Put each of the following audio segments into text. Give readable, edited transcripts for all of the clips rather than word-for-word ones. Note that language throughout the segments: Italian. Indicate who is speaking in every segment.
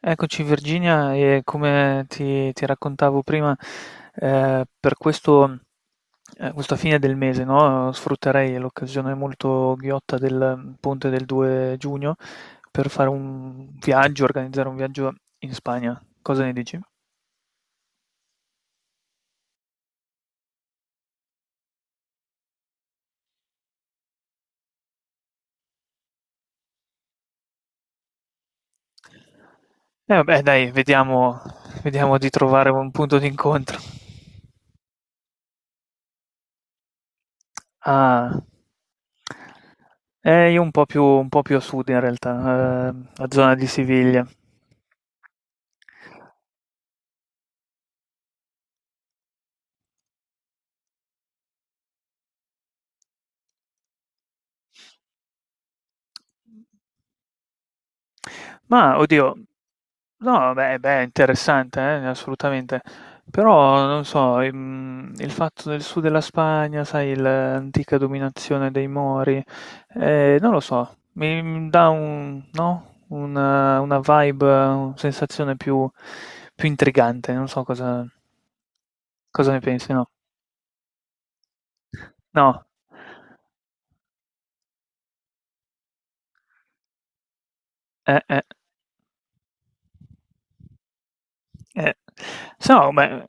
Speaker 1: Eccoci, Virginia. E come ti raccontavo prima, per questo, questa fine del mese, no, sfrutterei l'occasione molto ghiotta del ponte del 2 giugno per fare un viaggio, organizzare un viaggio in Spagna. Cosa ne dici? Eh vabbè, dai, vediamo, vediamo di trovare un punto d'incontro. Ah, io un po' più a sud in realtà, la zona di Siviglia. Ma oddio, no, beh, beh, interessante, assolutamente. Però, non so, il fatto del sud della Spagna, sai, l'antica dominazione dei Mori, non lo so, mi dà un, no? Una vibe, una sensazione più, più intrigante, non so cosa, cosa ne pensi, no? No. Eh, eh, eh. Se no, beh,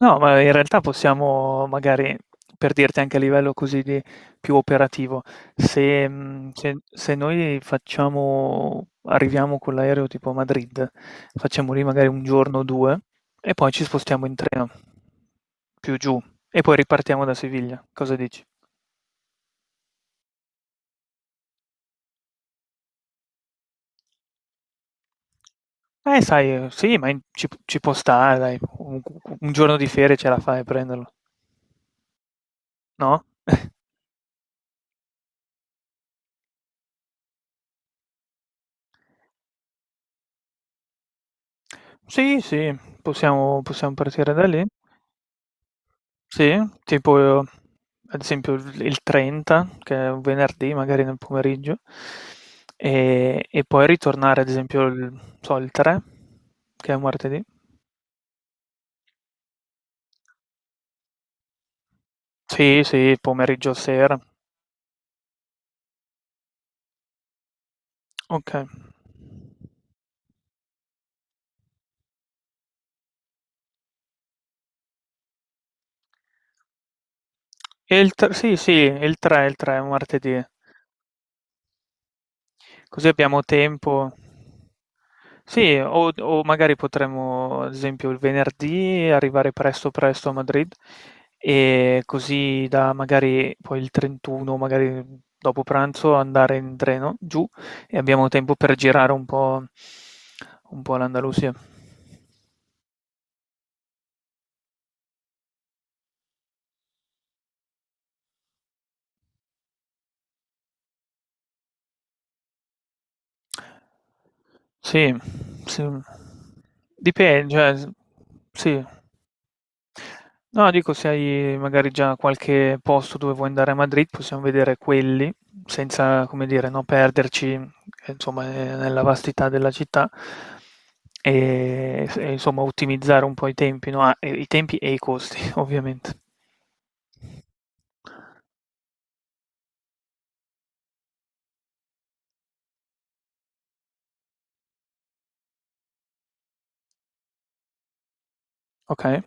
Speaker 1: no, ma in realtà possiamo magari, per dirti anche a livello così di più operativo, se, se noi facciamo arriviamo con l'aereo tipo a Madrid, facciamo lì magari un giorno o 2 e poi ci spostiamo in treno, più giù, e poi ripartiamo da Siviglia. Cosa dici? Sai sì, ma in ci p ci può stare dai, u u un giorno di ferie ce la fai a prenderlo, no? Sì, sì, possiamo partire da lì. Sì, tipo ad esempio il 30, che è un venerdì magari nel pomeriggio, e poi ritornare ad esempio il non so, il 3, che è un martedì. Sì, sì, pomeriggio, sera. Okay. E il tr sì, sì, il 3, il 3 è un martedì. Così abbiamo tempo. Sì, o magari potremmo, ad esempio, il venerdì arrivare presto presto a Madrid e così da magari poi il 31, magari dopo pranzo, andare in treno giù e abbiamo tempo per girare un po' l'Andalusia. Sì, sì. Dipende, cioè, sì. No, dico, se hai magari già qualche posto dove vuoi andare a Madrid, possiamo vedere quelli, senza, come dire, no, perderci, insomma, nella vastità della città e, insomma, ottimizzare un po' i tempi, no? Ah, i tempi e i costi, ovviamente. Ok?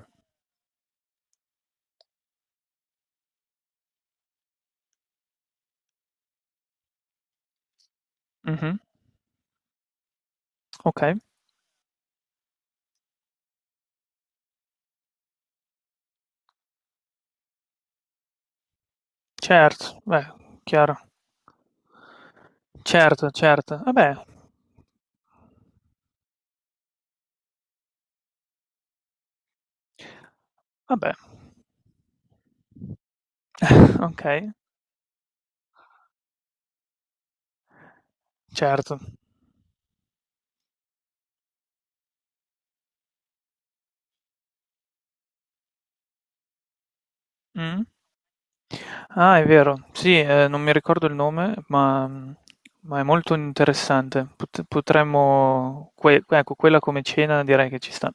Speaker 1: Mhm, ok, certo, beh, chiaro. Certo, certo. Vabbè, vabbè. Ok, certo. Mm. Ah, è vero, sì, non mi ricordo il nome, ma, mm, ma è molto interessante. Potremmo, ecco, quella come cena direi che ci sta.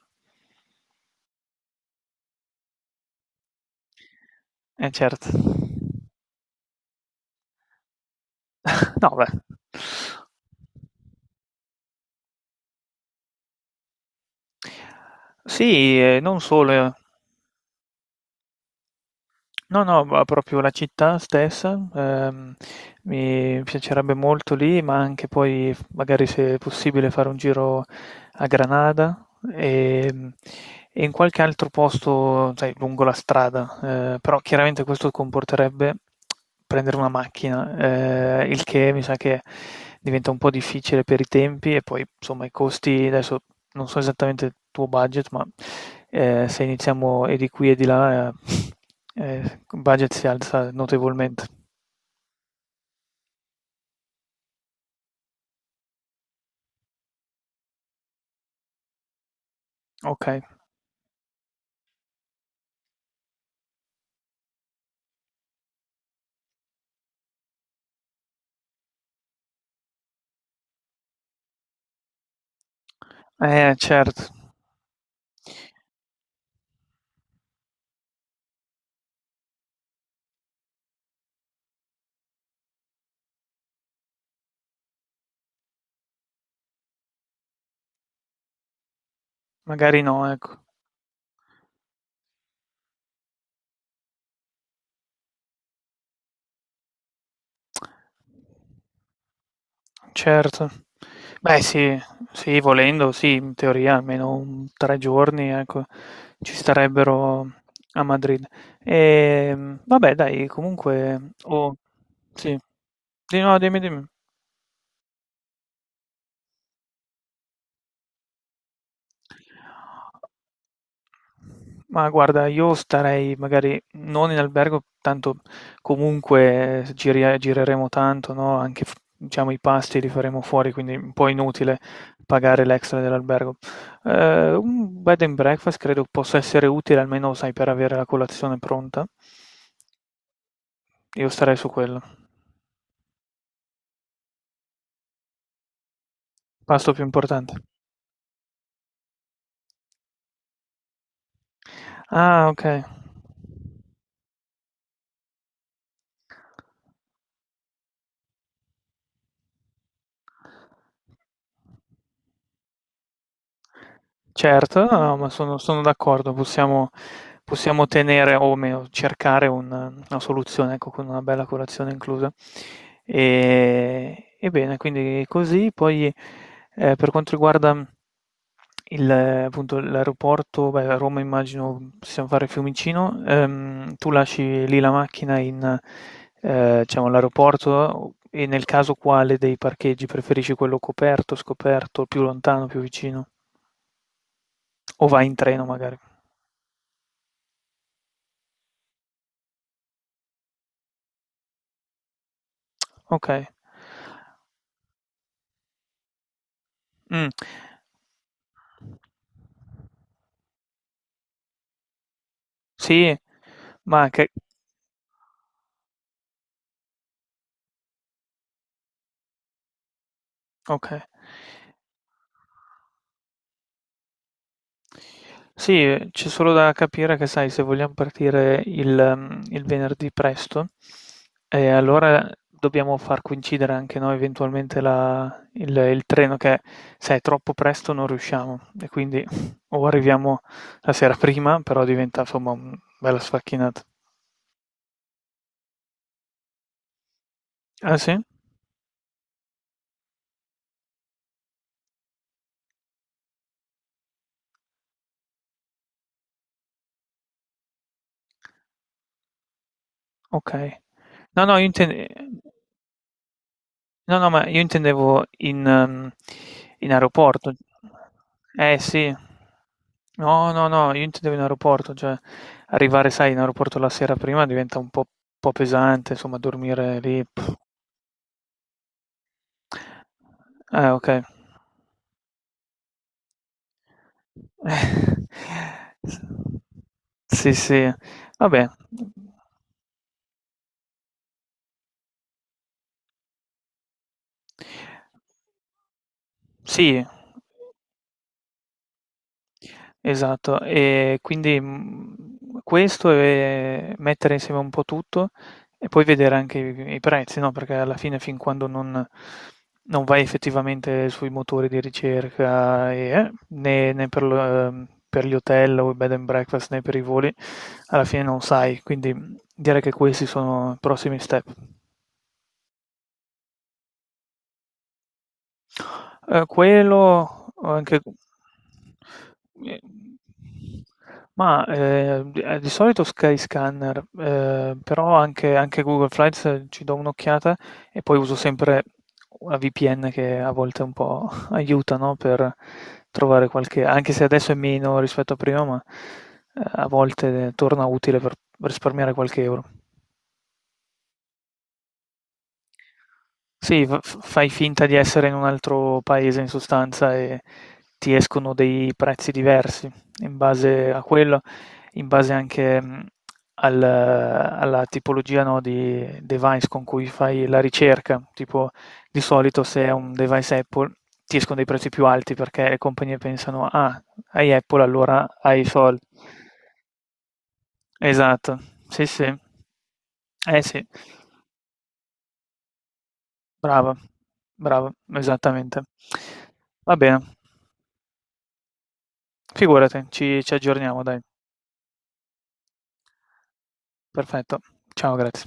Speaker 1: Eh certo. No, beh. Sì, non solo. Eh. No, no, ma proprio la città stessa, mi piacerebbe molto lì, ma anche poi magari se è possibile fare un giro a Granada e, e in qualche altro posto, sai, lungo la strada, però chiaramente questo comporterebbe prendere una macchina, il che mi sa che diventa un po' difficile per i tempi e poi insomma i costi, adesso non so esattamente il tuo budget, ma se iniziamo e di qui e di là... eh, il budget si alza notevolmente. Okay. Certo, magari no, ecco. Certo. Beh sì, sì, volendo sì, in teoria almeno un 3 giorni, ecco, ci starebbero a Madrid. Vabbè dai, comunque oh, sì. Sì, no, dimmi, dimmi. Ma guarda, io starei magari non in albergo, tanto comunque gireremo tanto, no? Anche diciamo i pasti li faremo fuori, quindi è un po' inutile pagare l'extra dell'albergo. Un bed and breakfast credo possa essere utile, almeno sai, per avere la colazione pronta. Io starei su quello. Pasto più importante. Ah, ok. Certo, no, no, ma sono, sono d'accordo, possiamo, possiamo tenere o meno cercare una soluzione, ecco, con una bella colazione inclusa. E bene, quindi così, poi per quanto riguarda il, appunto, l'aeroporto, beh, a Roma immagino possiamo fare Fiumicino, tu lasci lì la macchina in, diciamo, all'aeroporto e nel caso quale dei parcheggi preferisci, quello coperto, scoperto, più lontano, più vicino? O vai in treno magari. Okay. Mh, sì, ma anche okay. Sì, c'è solo da capire che sai, se vogliam partire il il venerdì presto, allora dobbiamo far coincidere anche noi eventualmente la il treno che se è troppo presto non riusciamo e quindi o arriviamo la sera prima, però diventa insomma, mhmm, bella sfacchinata. Ah sì? Okay. No, no, io inten No, no, ma io intendevo in mhmm, in aeroporto. Sì. No, no, no, io intendevo in aeroporto, cioè arrivare, sai, in aeroporto la sera prima diventa un po' pesante, insomma dormire lì. Pff. Okay. S Sì, sì. Vabbè. Sì. Esatto, e quindi, mhmm, questo e mettere insieme un po' tutto e poi vedere anche i prezzi, no, perché alla fine fin quando non non vai effettivamente sui motori di ricerca e né per gli hotel o i bed and breakfast, né per i voli, alla fine non sai. Quindi, mhmm, direi che questi sono i prossimi step. Quello anche ehm, mah, d di solito Skyscanner, però anche Google Flights ci do un'occhiata e poi uso sempre una VPN che a volte un po' aiuta, no, per trovare qualche anche se adesso è meno rispetto a prima, ma, a volte torna utile per risparmiare qualche euro. Sì, fai finta di essere in un altro paese in sostanza e ti escono dei prezzi diversi in base a quello, in base anche alla tipologia, no, di device con cui fai la ricerca. Tipo, di solito se è un device Apple ti escono dei prezzi più alti perché le compagnie pensano, ah, hai Apple, allora hai i soldi. Esatto, sì, sì, eh sì. Brava, brava, esattamente. Va bene, figurati, ci aggiorniamo dai. Perfetto. Ciao, grazie.